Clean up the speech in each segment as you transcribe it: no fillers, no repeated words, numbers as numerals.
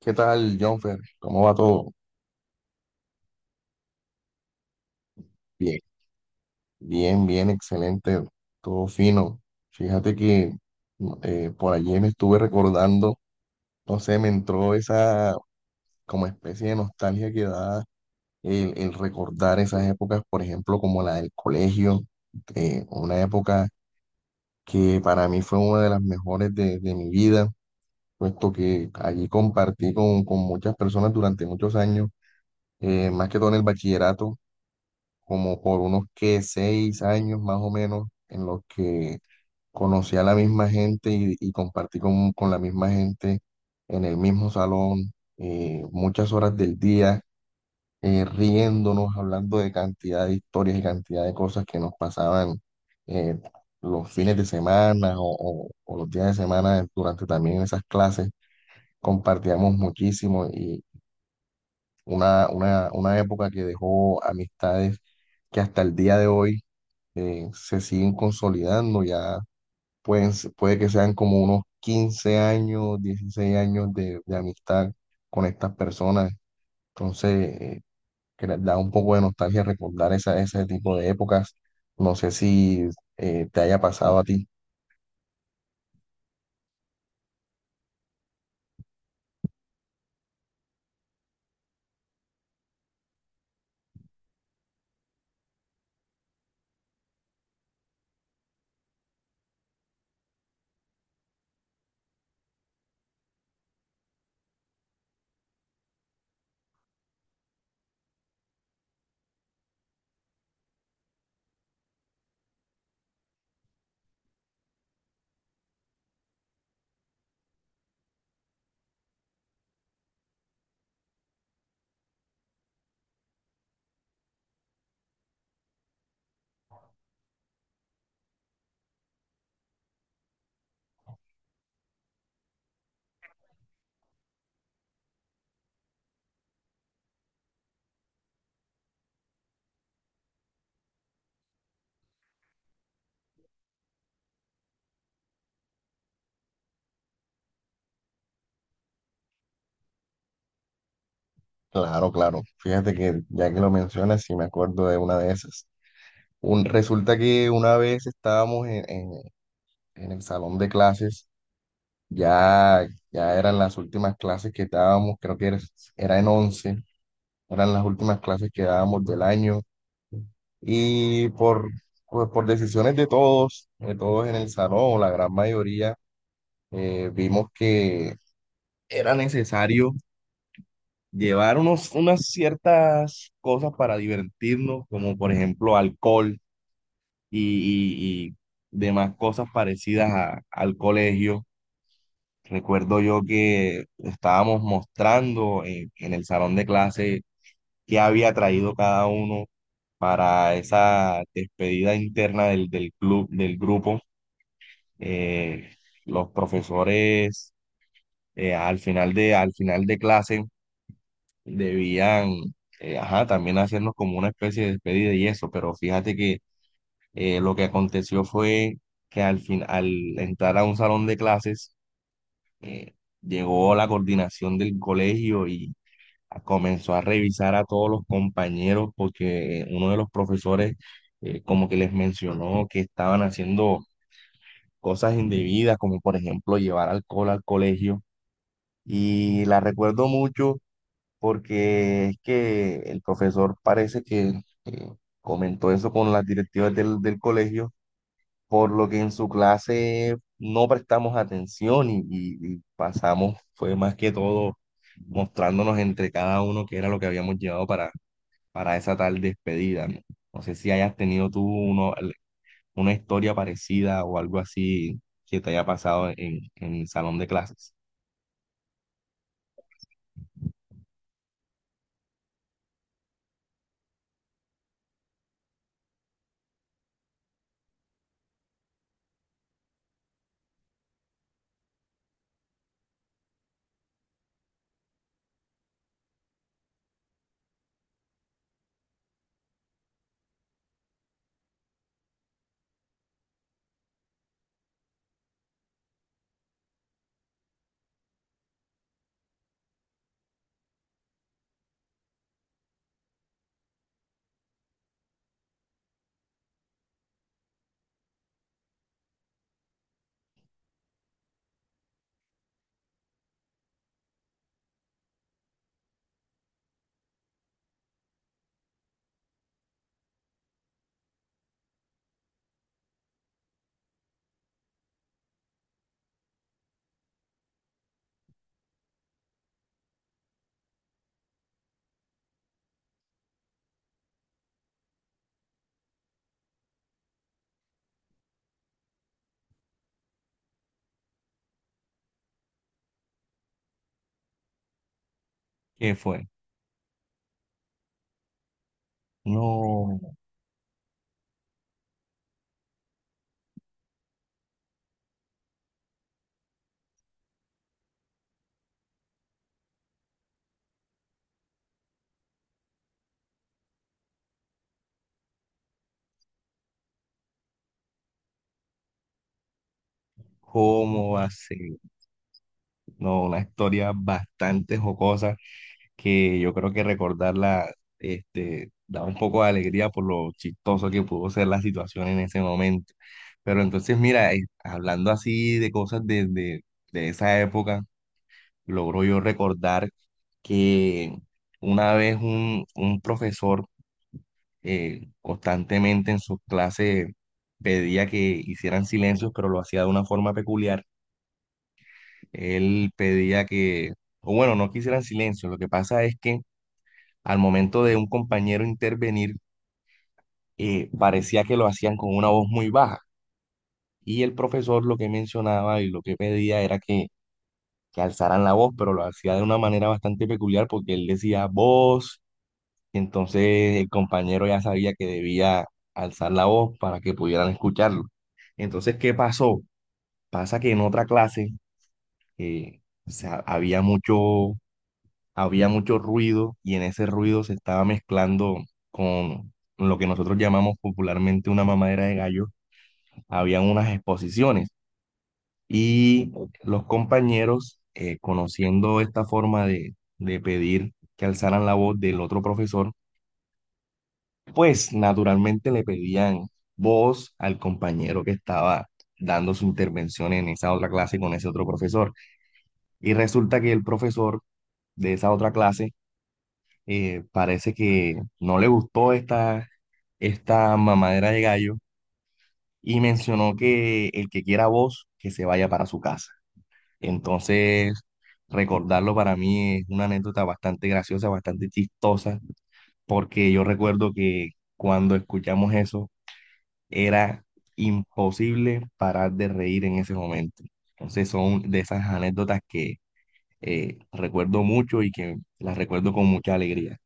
¿Qué tal, Jonfer? ¿Cómo va todo? Bien, bien, bien, excelente, todo fino. Fíjate que por allí me estuve recordando, no sé, me entró esa como especie de nostalgia que da el recordar esas épocas, por ejemplo, como la del colegio, una época que para mí fue una de las mejores de mi vida, puesto que allí compartí con muchas personas durante muchos años, más que todo en el bachillerato como por unos que 6 años más o menos, en los que conocí a la misma gente y compartí con la misma gente en el mismo salón, muchas horas del día, riéndonos, hablando de cantidad de historias y cantidad de cosas que nos pasaban eh, los fines de semana o los días de semana durante también esas clases. Compartíamos muchísimo y una época que dejó amistades que hasta el día de hoy se siguen consolidando, ya puede que sean como unos 15 años, 16 años de amistad con estas personas, entonces eh, que les da un poco de nostalgia recordar ese tipo de épocas, no sé si te haya pasado a ti. Claro, claro, fíjate que ya que lo mencionas, sí me acuerdo de una de esas. Resulta que una vez estábamos en en el salón de clases. Ya eran las últimas clases que dábamos, creo era en once, eran las últimas clases que dábamos del año y pues, por decisiones de todos en el salón, o la gran mayoría, vimos que era necesario llevar unas ciertas cosas para divertirnos, como por ejemplo alcohol y demás cosas parecidas al colegio. Recuerdo yo que estábamos mostrando en el salón de clase qué había traído cada uno para esa despedida interna del club, del grupo. Eh, los profesores al final al final de clase debían, ajá, también hacernos como una especie de despedida y eso, pero fíjate que lo que aconteció fue que al fin, al entrar a un salón de clases, eh, llegó la coordinación del colegio y comenzó a revisar a todos los compañeros porque uno de los profesores como que les mencionó que estaban haciendo cosas indebidas, como por ejemplo llevar alcohol al colegio. Y la recuerdo mucho porque es que el profesor parece que eh, comentó eso con las directivas del colegio, por lo que en su clase no prestamos atención y y pasamos, fue más que todo mostrándonos entre cada uno qué era lo que habíamos llevado para esa tal despedida. No, no sé si hayas tenido una historia parecida o algo así que te haya pasado en el salón de clases. ¿Qué fue? No, ¿cómo va a ser? No, una historia bastante jocosa que yo creo que recordarla, este, da un poco de alegría por lo chistoso que pudo ser la situación en ese momento. Pero entonces, mira, hablando así de cosas de de esa época, logro yo recordar que una vez un profesor constantemente en sus clases pedía que hicieran silencios, pero lo hacía de una forma peculiar. Él pedía que, o bueno, no que hicieran silencio. Lo que pasa es que al momento de un compañero intervenir, parecía que lo hacían con una voz muy baja. Y el profesor lo que mencionaba y lo que pedía era que alzaran la voz, pero lo hacía de una manera bastante peculiar porque él decía voz, entonces el compañero ya sabía que debía alzar la voz para que pudieran escucharlo. Entonces, ¿qué pasó? Pasa que en otra clase eh, o sea, había mucho ruido y en ese ruido se estaba mezclando con lo que nosotros llamamos popularmente una mamadera de gallo. Habían unas exposiciones y los compañeros, conociendo esta forma de pedir que alzaran la voz del otro profesor, pues naturalmente le pedían voz al compañero que estaba dando su intervención en esa otra clase con ese otro profesor. Y resulta que el profesor de esa otra clase parece que no le gustó esta mamadera de gallo y mencionó que el que quiera voz, que se vaya para su casa. Entonces, recordarlo para mí es una anécdota bastante graciosa, bastante chistosa, porque yo recuerdo que cuando escuchamos eso, era imposible parar de reír en ese momento. Entonces son de esas anécdotas que recuerdo mucho y que las recuerdo con mucha alegría.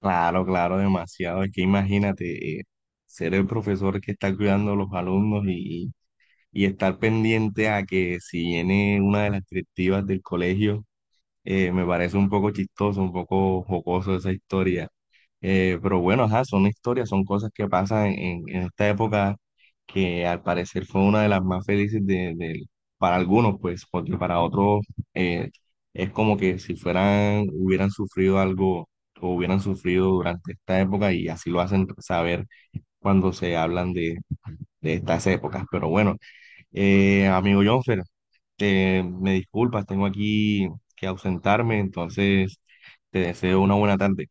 Claro, claro, demasiado. Es que imagínate ser el profesor que está cuidando a los alumnos y estar pendiente a que si viene una de las directivas del colegio. Me parece un poco chistoso, un poco jocoso esa historia. Pero bueno, ajá, son historias, son cosas que pasan en esta época que al parecer fue una de las más felices para algunos, pues, porque para otros eh, es como que si fueran, hubieran sufrido algo o hubieran sufrido durante esta época y así lo hacen saber cuando se hablan de estas épocas. Pero bueno, amigo John, me disculpas, tengo aquí que ausentarme, entonces te deseo una buena tarde.